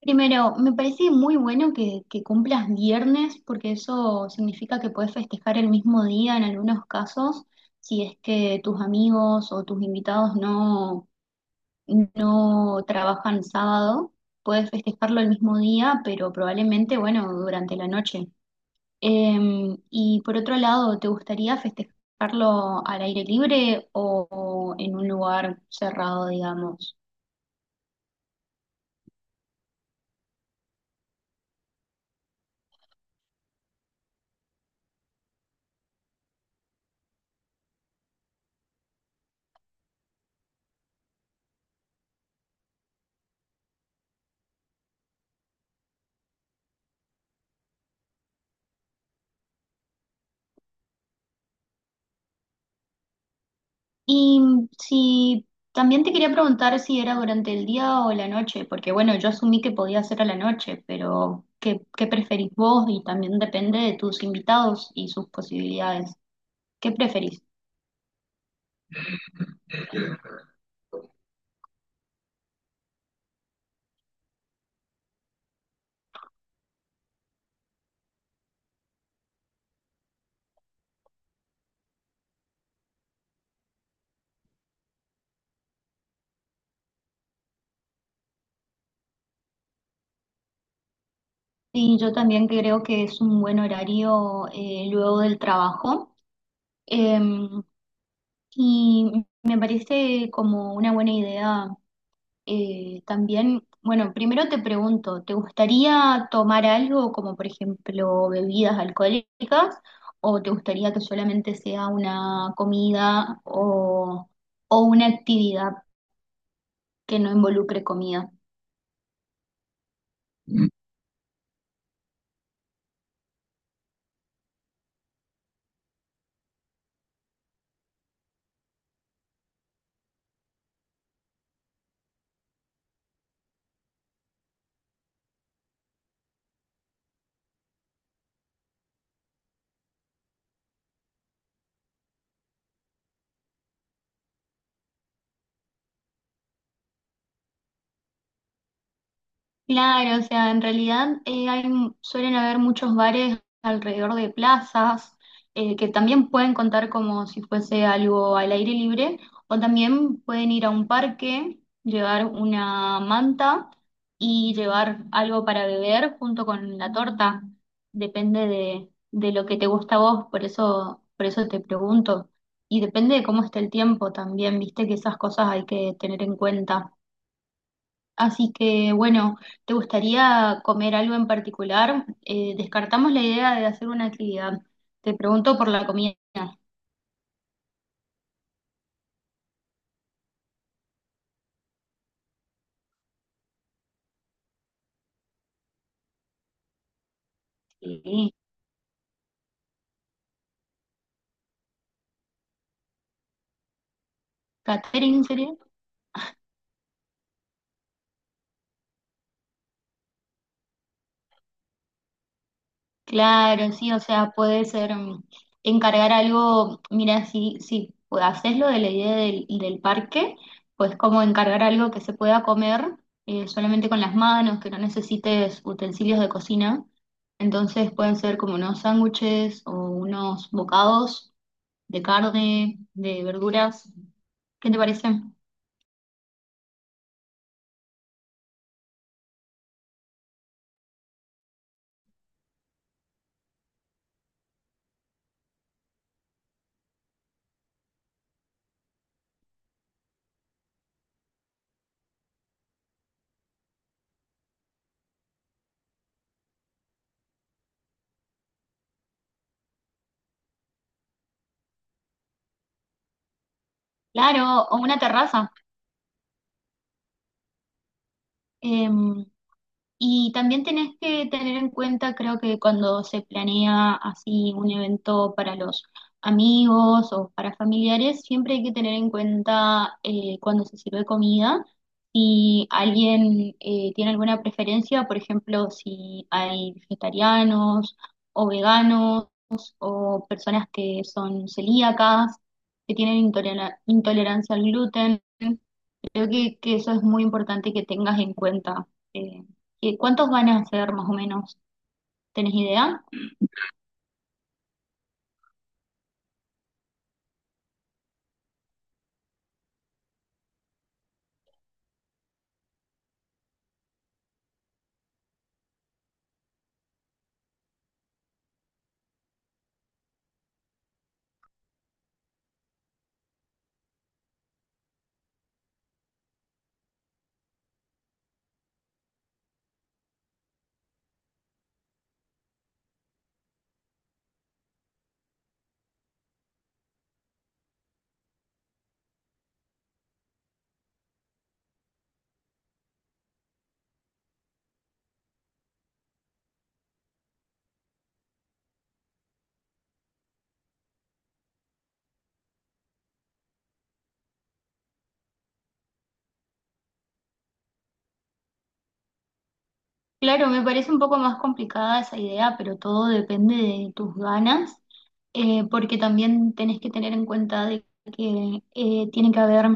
Primero, me parece muy bueno que cumplas viernes, porque eso significa que puedes festejar el mismo día en algunos casos, si es que tus amigos o tus invitados no trabajan sábado, puedes festejarlo el mismo día, pero probablemente, bueno, durante la noche. Y por otro lado, ¿te gustaría festejarlo al aire libre o en un lugar cerrado, digamos? Y si también te quería preguntar si era durante el día o la noche, porque bueno, yo asumí que podía ser a la noche, pero ¿qué preferís vos? Y también depende de tus invitados y sus posibilidades. ¿Qué preferís? Sí, yo también creo que es un buen horario luego del trabajo. Em, y me parece como una buena idea. También, bueno, primero te pregunto, ¿te gustaría tomar algo como por ejemplo bebidas alcohólicas o te gustaría que solamente sea una o una actividad que no involucre comida? Claro, o sea, en realidad suelen haber muchos bares alrededor de plazas que también pueden contar como si fuese algo al aire libre, o también pueden ir a un parque, llevar una manta y llevar algo para beber junto con la torta. De lo que te gusta a vos, por eso te pregunto. Y depende de cómo esté el tiempo también, viste que esas cosas hay que tener en cuenta. Así que bueno, ¿te gustaría comer algo en particular? Descartamos la idea de hacer una actividad. Te pregunto por la comida. Sí. ¿Catering sería? Claro, sí, o sea, puede ser encargar algo. Mira, si haces lo de la idea del parque, pues como encargar algo que se pueda comer solamente con las manos, que no necesites utensilios de cocina. Entonces pueden ser como unos sándwiches o unos bocados de carne, de verduras. ¿Qué te parece? Claro, o una terraza. Em, Y también tenés que tener en cuenta, creo que cuando se planea así un evento para los amigos o para familiares, siempre hay que tener en cuenta cuando se sirve comida, si alguien tiene alguna preferencia, por ejemplo, si hay vegetarianos o veganos o personas que son celíacas, que tienen intolerancia al gluten. Creo que eso es muy importante que tengas en cuenta. Eh, ¿Cuántos van a ser más o menos? ¿Tenés idea? Claro, me parece un poco más complicada esa idea, pero todo depende de tus ganas, porque también tenés que tener en cuenta de que tiene que haber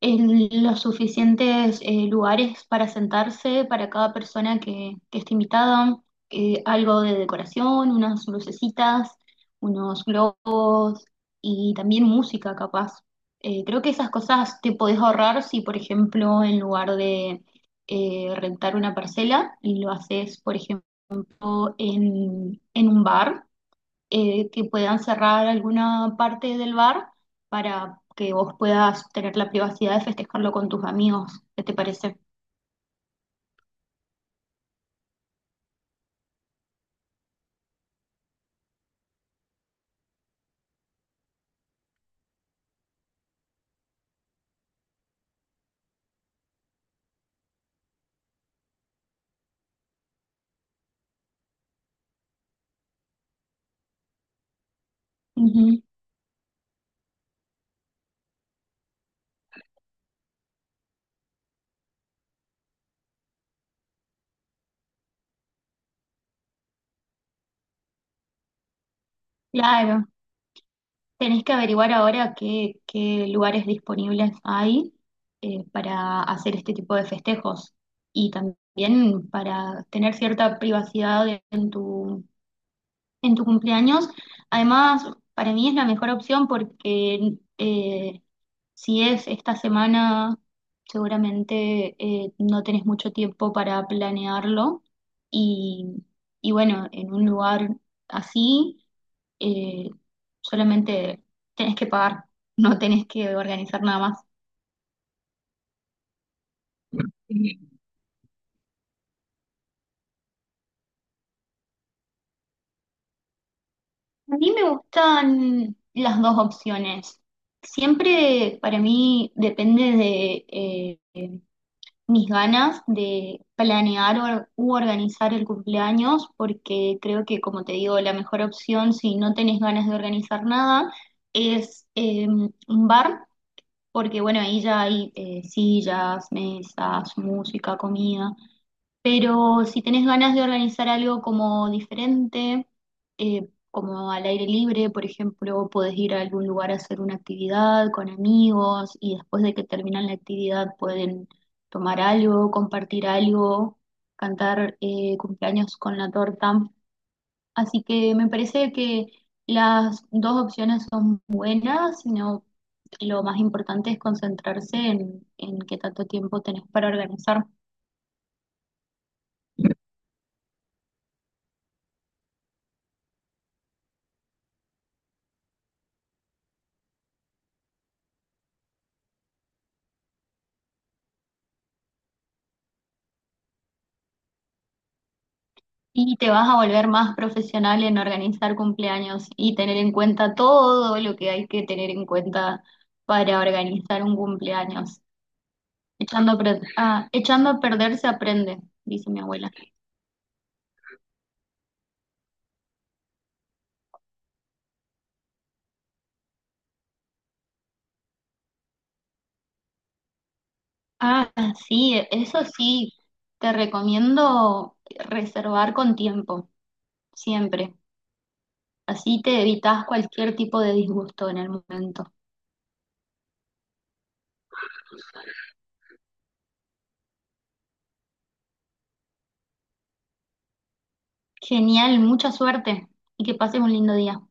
los suficientes lugares para sentarse para cada persona que esté invitada, algo de decoración, unas lucecitas, unos globos y también música capaz. Creo que esas cosas te podés ahorrar si, por ejemplo, en lugar de rentar una parcela, lo haces, por ejemplo, en un bar que puedan cerrar alguna parte del bar para que vos puedas tener la privacidad de festejarlo con tus amigos. ¿Qué te parece? Ujú. Claro, tenés que averiguar ahora qué lugares disponibles hay para hacer este tipo de festejos y también para tener cierta privacidad en tu cumpleaños. Además, para mí es la mejor opción porque si es esta semana, seguramente no tenés mucho tiempo para planearlo. Y, y bueno, en un lugar así, eh, solamente tenés que pagar, no tenés que organizar nada más. A mí me gustan las dos opciones. Siempre para mí depende de mis ganas de planear u organizar el cumpleaños, porque creo que, como te digo, la mejor opción si no tenés ganas de organizar nada es un bar, porque bueno, ahí ya hay sillas, mesas, música, comida. Pero si tenés ganas de organizar algo como diferente, como al aire libre, por ejemplo, podés ir a algún lugar a hacer una actividad con amigos y después de que terminan la actividad pueden tomar algo, compartir algo, cantar cumpleaños con la torta. Así que me parece que las dos opciones son buenas, sino lo más importante es concentrarse en qué tanto tiempo tenés para organizar. Y te vas a volver más profesional en organizar cumpleaños y tener en cuenta todo lo que hay que tener en cuenta para organizar un cumpleaños. Echando a perder se aprende, dice mi abuela. Ah, sí, eso sí, te recomiendo reservar con tiempo, siempre. Así te evitas cualquier tipo de disgusto en el momento. Genial, mucha suerte y que pases un lindo día.